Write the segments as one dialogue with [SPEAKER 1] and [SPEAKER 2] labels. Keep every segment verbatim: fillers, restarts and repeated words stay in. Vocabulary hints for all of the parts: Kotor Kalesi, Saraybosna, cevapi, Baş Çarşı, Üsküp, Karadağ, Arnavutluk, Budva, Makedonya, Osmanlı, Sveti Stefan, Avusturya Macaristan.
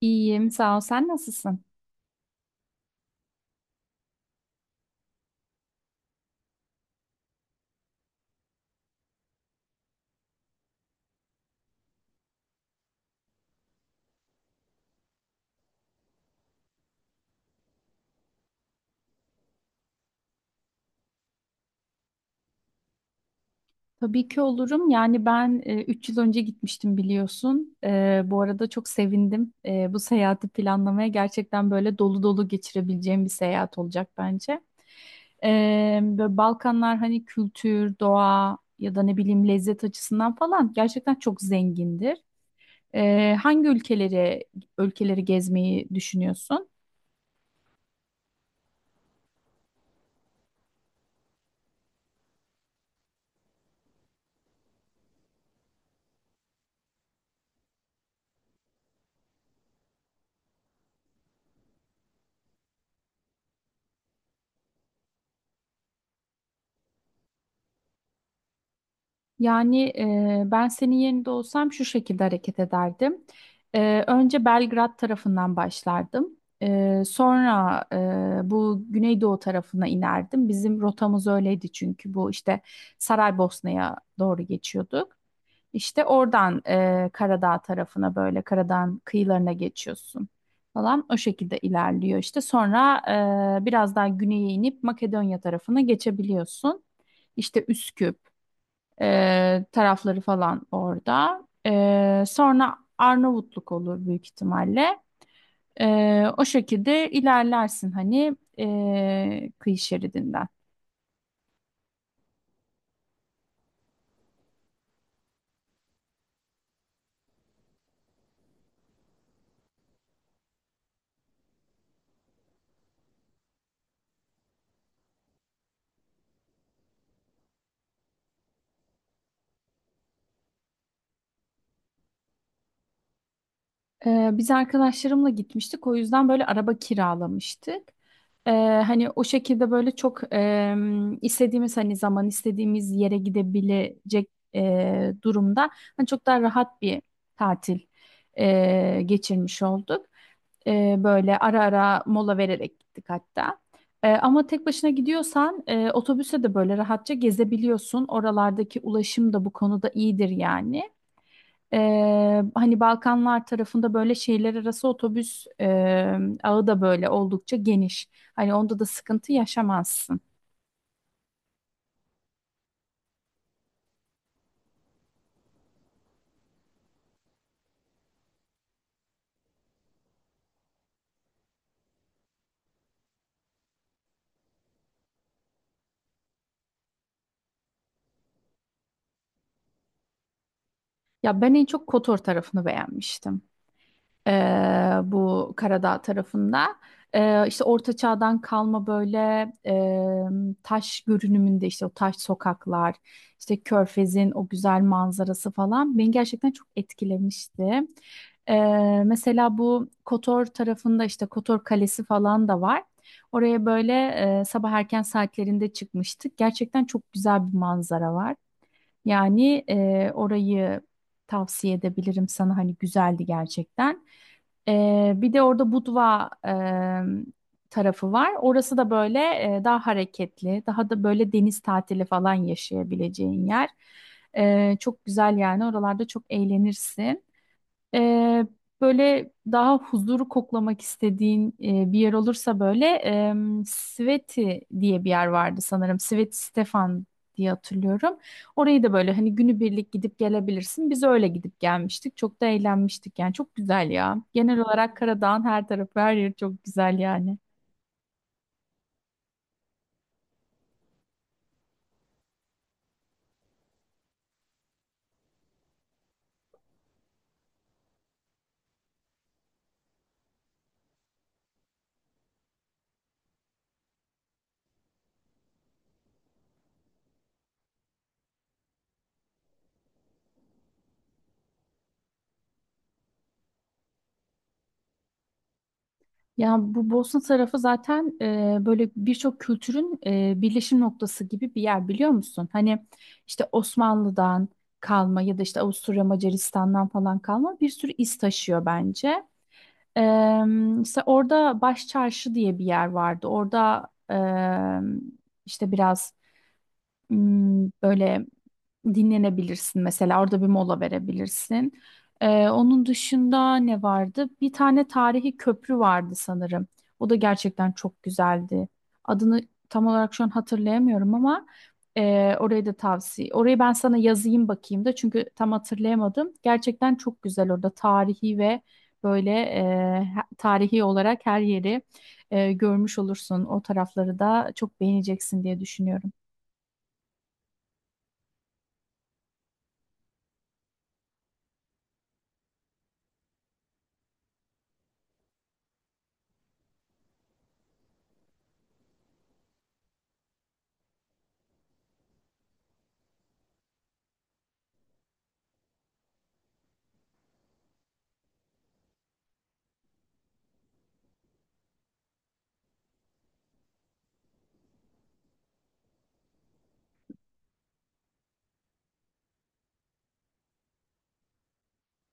[SPEAKER 1] İyiyim, sağ ol. Sen nasılsın? Tabii ki olurum. Yani ben e, üç yıl önce gitmiştim biliyorsun. E, bu arada çok sevindim. E, bu seyahati planlamaya gerçekten böyle dolu dolu geçirebileceğim bir seyahat olacak bence. E, böyle Balkanlar hani kültür, doğa ya da ne bileyim lezzet açısından falan gerçekten çok zengindir. E, hangi ülkeleri ülkeleri gezmeyi düşünüyorsun? Yani e, ben senin yerinde olsam şu şekilde hareket ederdim. E, önce Belgrad tarafından başlardım. E, sonra e, bu Güneydoğu tarafına inerdim. Bizim rotamız öyleydi çünkü bu işte Saraybosna'ya doğru geçiyorduk. İşte oradan e, Karadağ tarafına böyle Karadağ'ın kıyılarına geçiyorsun falan. O şekilde ilerliyor işte. Sonra e, biraz daha güneye inip Makedonya tarafına geçebiliyorsun. İşte Üsküp e, tarafları falan orada. E, sonra Arnavutluk olur büyük ihtimalle. E, o şekilde ilerlersin hani e, kıyı şeridinden. Ee, biz arkadaşlarımla gitmiştik. O yüzden böyle araba kiralamıştık. Ee, hani o şekilde böyle çok e, istediğimiz hani zaman istediğimiz yere gidebilecek e, durumda hani çok daha rahat bir tatil e, geçirmiş olduk. E, böyle ara ara mola vererek gittik hatta. E, ama tek başına gidiyorsan e, otobüse de böyle rahatça gezebiliyorsun. Oralardaki ulaşım da bu konuda iyidir yani. Ee, hani Balkanlar tarafında böyle şehirler arası otobüs e, ağı da böyle oldukça geniş. Hani onda da sıkıntı yaşamazsın. Ya ben en çok Kotor tarafını beğenmiştim. e, bu Karadağ tarafında. E, işte Orta Çağ'dan kalma böyle e, taş görünümünde işte o taş sokaklar, işte Körfez'in o güzel manzarası falan beni gerçekten çok etkilemişti. E, mesela bu Kotor tarafında işte Kotor Kalesi falan da var. Oraya böyle e, sabah erken saatlerinde çıkmıştık. Gerçekten çok güzel bir manzara var. Yani e, orayı tavsiye edebilirim sana hani güzeldi gerçekten. E, bir de orada Budva e, tarafı var. Orası da böyle e, daha hareketli, daha da böyle deniz tatili falan yaşayabileceğin yer. E, çok güzel yani oralarda çok eğlenirsin. Ee, böyle daha huzuru koklamak istediğin e, bir yer olursa böyle e, Sveti diye bir yer vardı sanırım. Sveti Stefan diye hatırlıyorum. Orayı da böyle hani günübirlik gidip gelebilirsin. Biz öyle gidip gelmiştik. Çok da eğlenmiştik yani. Çok güzel ya. Genel olarak Karadağ'ın her tarafı her yeri çok güzel yani. Ya bu Bosna tarafı zaten e, böyle birçok kültürün e, birleşim noktası gibi bir yer biliyor musun? Hani işte Osmanlı'dan kalma ya da işte Avusturya Macaristan'dan falan kalma bir sürü iz taşıyor bence. E, işte orada Baş Çarşı diye bir yer vardı. Orada e, işte biraz Hmm, böyle dinlenebilirsin mesela orada bir mola verebilirsin. Ee, onun dışında ne vardı? Bir tane tarihi köprü vardı sanırım. O da gerçekten çok güzeldi. Adını tam olarak şu an hatırlayamıyorum ama e, orayı da tavsiye. Orayı ben sana yazayım bakayım da çünkü tam hatırlayamadım. Gerçekten çok güzel orada tarihi ve böyle e, he- tarihi olarak her yeri e, görmüş olursun. O tarafları da çok beğeneceksin diye düşünüyorum.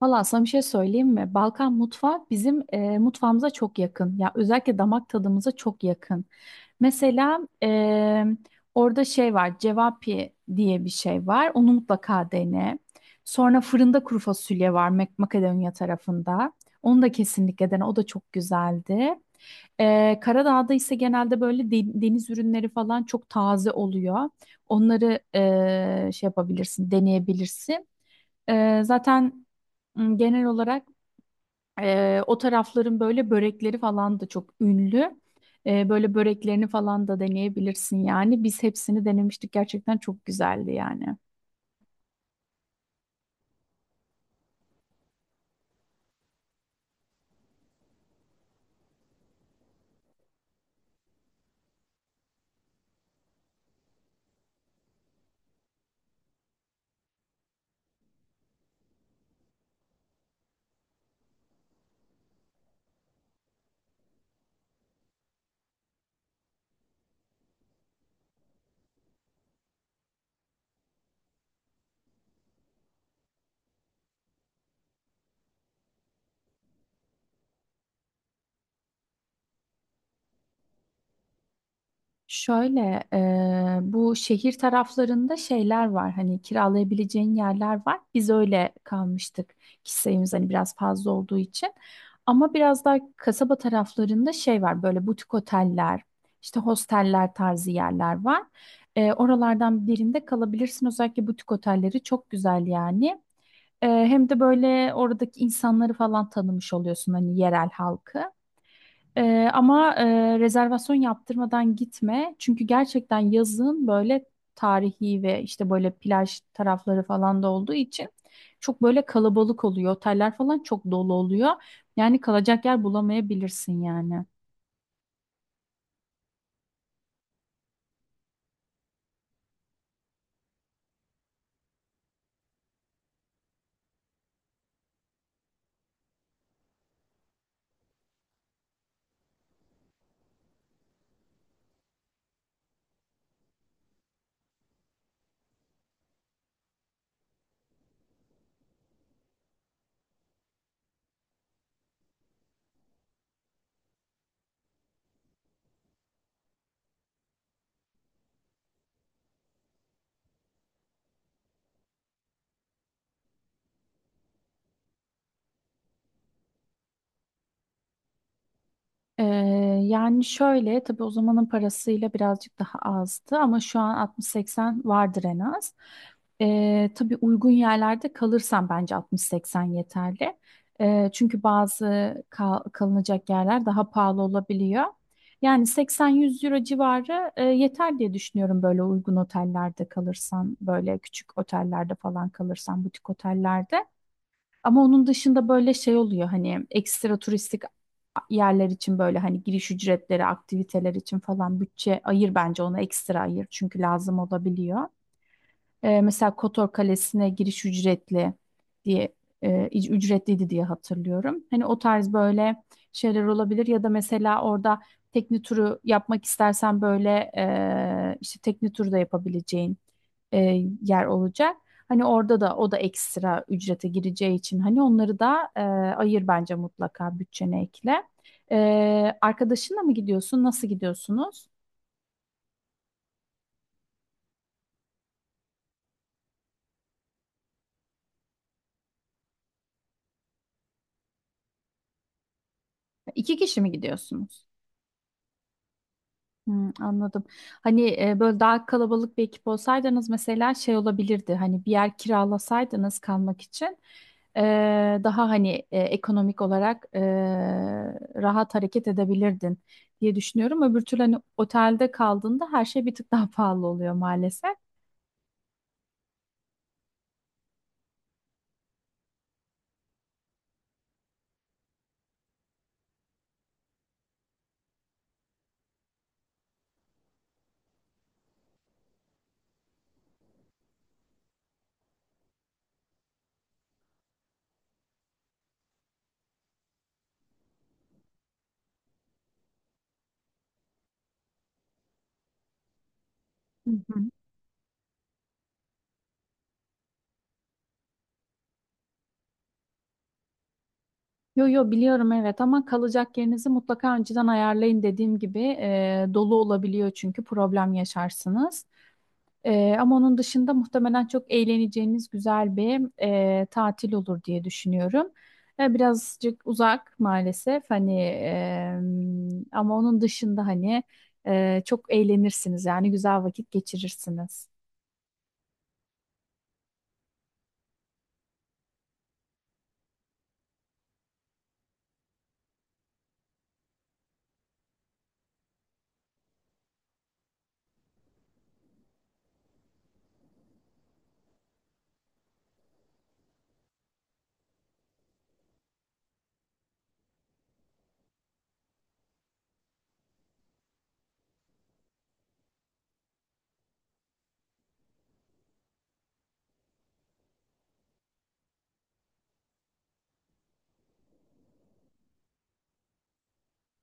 [SPEAKER 1] Valla sana bir şey söyleyeyim mi? Balkan mutfağı bizim e, mutfağımıza çok yakın. Ya özellikle damak tadımıza çok yakın. Mesela e, orada şey var, cevapi diye bir şey var. Onu mutlaka dene. Sonra fırında kuru fasulye var Mak- Makedonya tarafında. Onu da kesinlikle dene. O da çok güzeldi. E, Karadağ'da ise genelde böyle de- deniz ürünleri falan çok taze oluyor. Onları e, şey yapabilirsin, deneyebilirsin. Ee, zaten m, genel olarak e, o tarafların böyle börekleri falan da çok ünlü. Ee, böyle böreklerini falan da deneyebilirsin yani. Biz hepsini denemiştik. Gerçekten çok güzeldi yani. Şöyle e, bu şehir taraflarında şeyler var hani kiralayabileceğin yerler var. Biz öyle kalmıştık kişi sayımız hani biraz fazla olduğu için. Ama biraz daha kasaba taraflarında şey var böyle butik oteller işte hosteller tarzı yerler var. E, oralardan birinde kalabilirsin özellikle butik otelleri çok güzel yani. E, hem de böyle oradaki insanları falan tanımış oluyorsun hani yerel halkı. Ee, ama e, rezervasyon yaptırmadan gitme. Çünkü gerçekten yazın böyle tarihi ve işte böyle plaj tarafları falan da olduğu için çok böyle kalabalık oluyor. Oteller falan çok dolu oluyor. Yani kalacak yer bulamayabilirsin yani. Ee, yani şöyle tabii o zamanın parasıyla birazcık daha azdı ama şu an altmış seksen vardır en az. Ee, tabii uygun yerlerde kalırsam bence altmış seksen yeterli. Ee, çünkü bazı kal- kalınacak yerler daha pahalı olabiliyor. Yani seksen-yüz euro civarı e, yeter diye düşünüyorum böyle uygun otellerde kalırsan, böyle küçük otellerde falan kalırsan, butik otellerde. Ama onun dışında böyle şey oluyor hani ekstra turistik yerler için böyle hani giriş ücretleri, aktiviteler için falan bütçe ayır bence ona ekstra ayır çünkü lazım olabiliyor. E, mesela Kotor Kalesi'ne giriş ücretli diye e, ücretliydi diye hatırlıyorum. Hani o tarz böyle şeyler olabilir ya da mesela orada tekne turu yapmak istersen böyle e, işte tekne turu da yapabileceğin e, yer olacak. Hani orada da o da ekstra ücrete gireceği için hani onları da e, ayır bence mutlaka bütçene ekle. E, Arkadaşınla mı gidiyorsun? Nasıl gidiyorsunuz? İki kişi mi gidiyorsunuz? Hmm, anladım. Hani e, böyle daha kalabalık bir ekip olsaydınız mesela şey olabilirdi. Hani bir yer kiralasaydınız kalmak için e, daha hani e, ekonomik olarak e, rahat hareket edebilirdin diye düşünüyorum. Öbür türlü hani otelde kaldığında her şey bir tık daha pahalı oluyor maalesef. Hı hı. Yo, yo, biliyorum, evet, ama kalacak yerinizi mutlaka önceden ayarlayın dediğim gibi e, dolu olabiliyor çünkü problem yaşarsınız. E, ama onun dışında muhtemelen çok eğleneceğiniz güzel bir e, tatil olur diye düşünüyorum. E, birazcık uzak maalesef hani e, ama onun dışında hani e, çok eğlenirsiniz yani güzel vakit geçirirsiniz.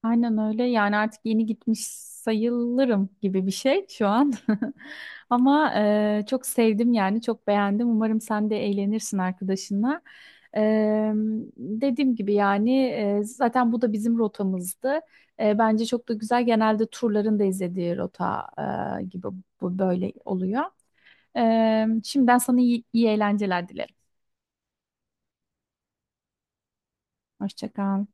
[SPEAKER 1] Aynen öyle. Yani artık yeni gitmiş sayılırım gibi bir şey şu an. Ama e, çok sevdim yani çok beğendim. Umarım sen de eğlenirsin arkadaşınla. E, dediğim gibi yani e, zaten bu da bizim rotamızdı. E, bence çok da güzel. Genelde turların da izlediği rota e, gibi bu böyle oluyor. E, şimdiden sana iyi, iyi eğlenceler dilerim. Hoşça kal.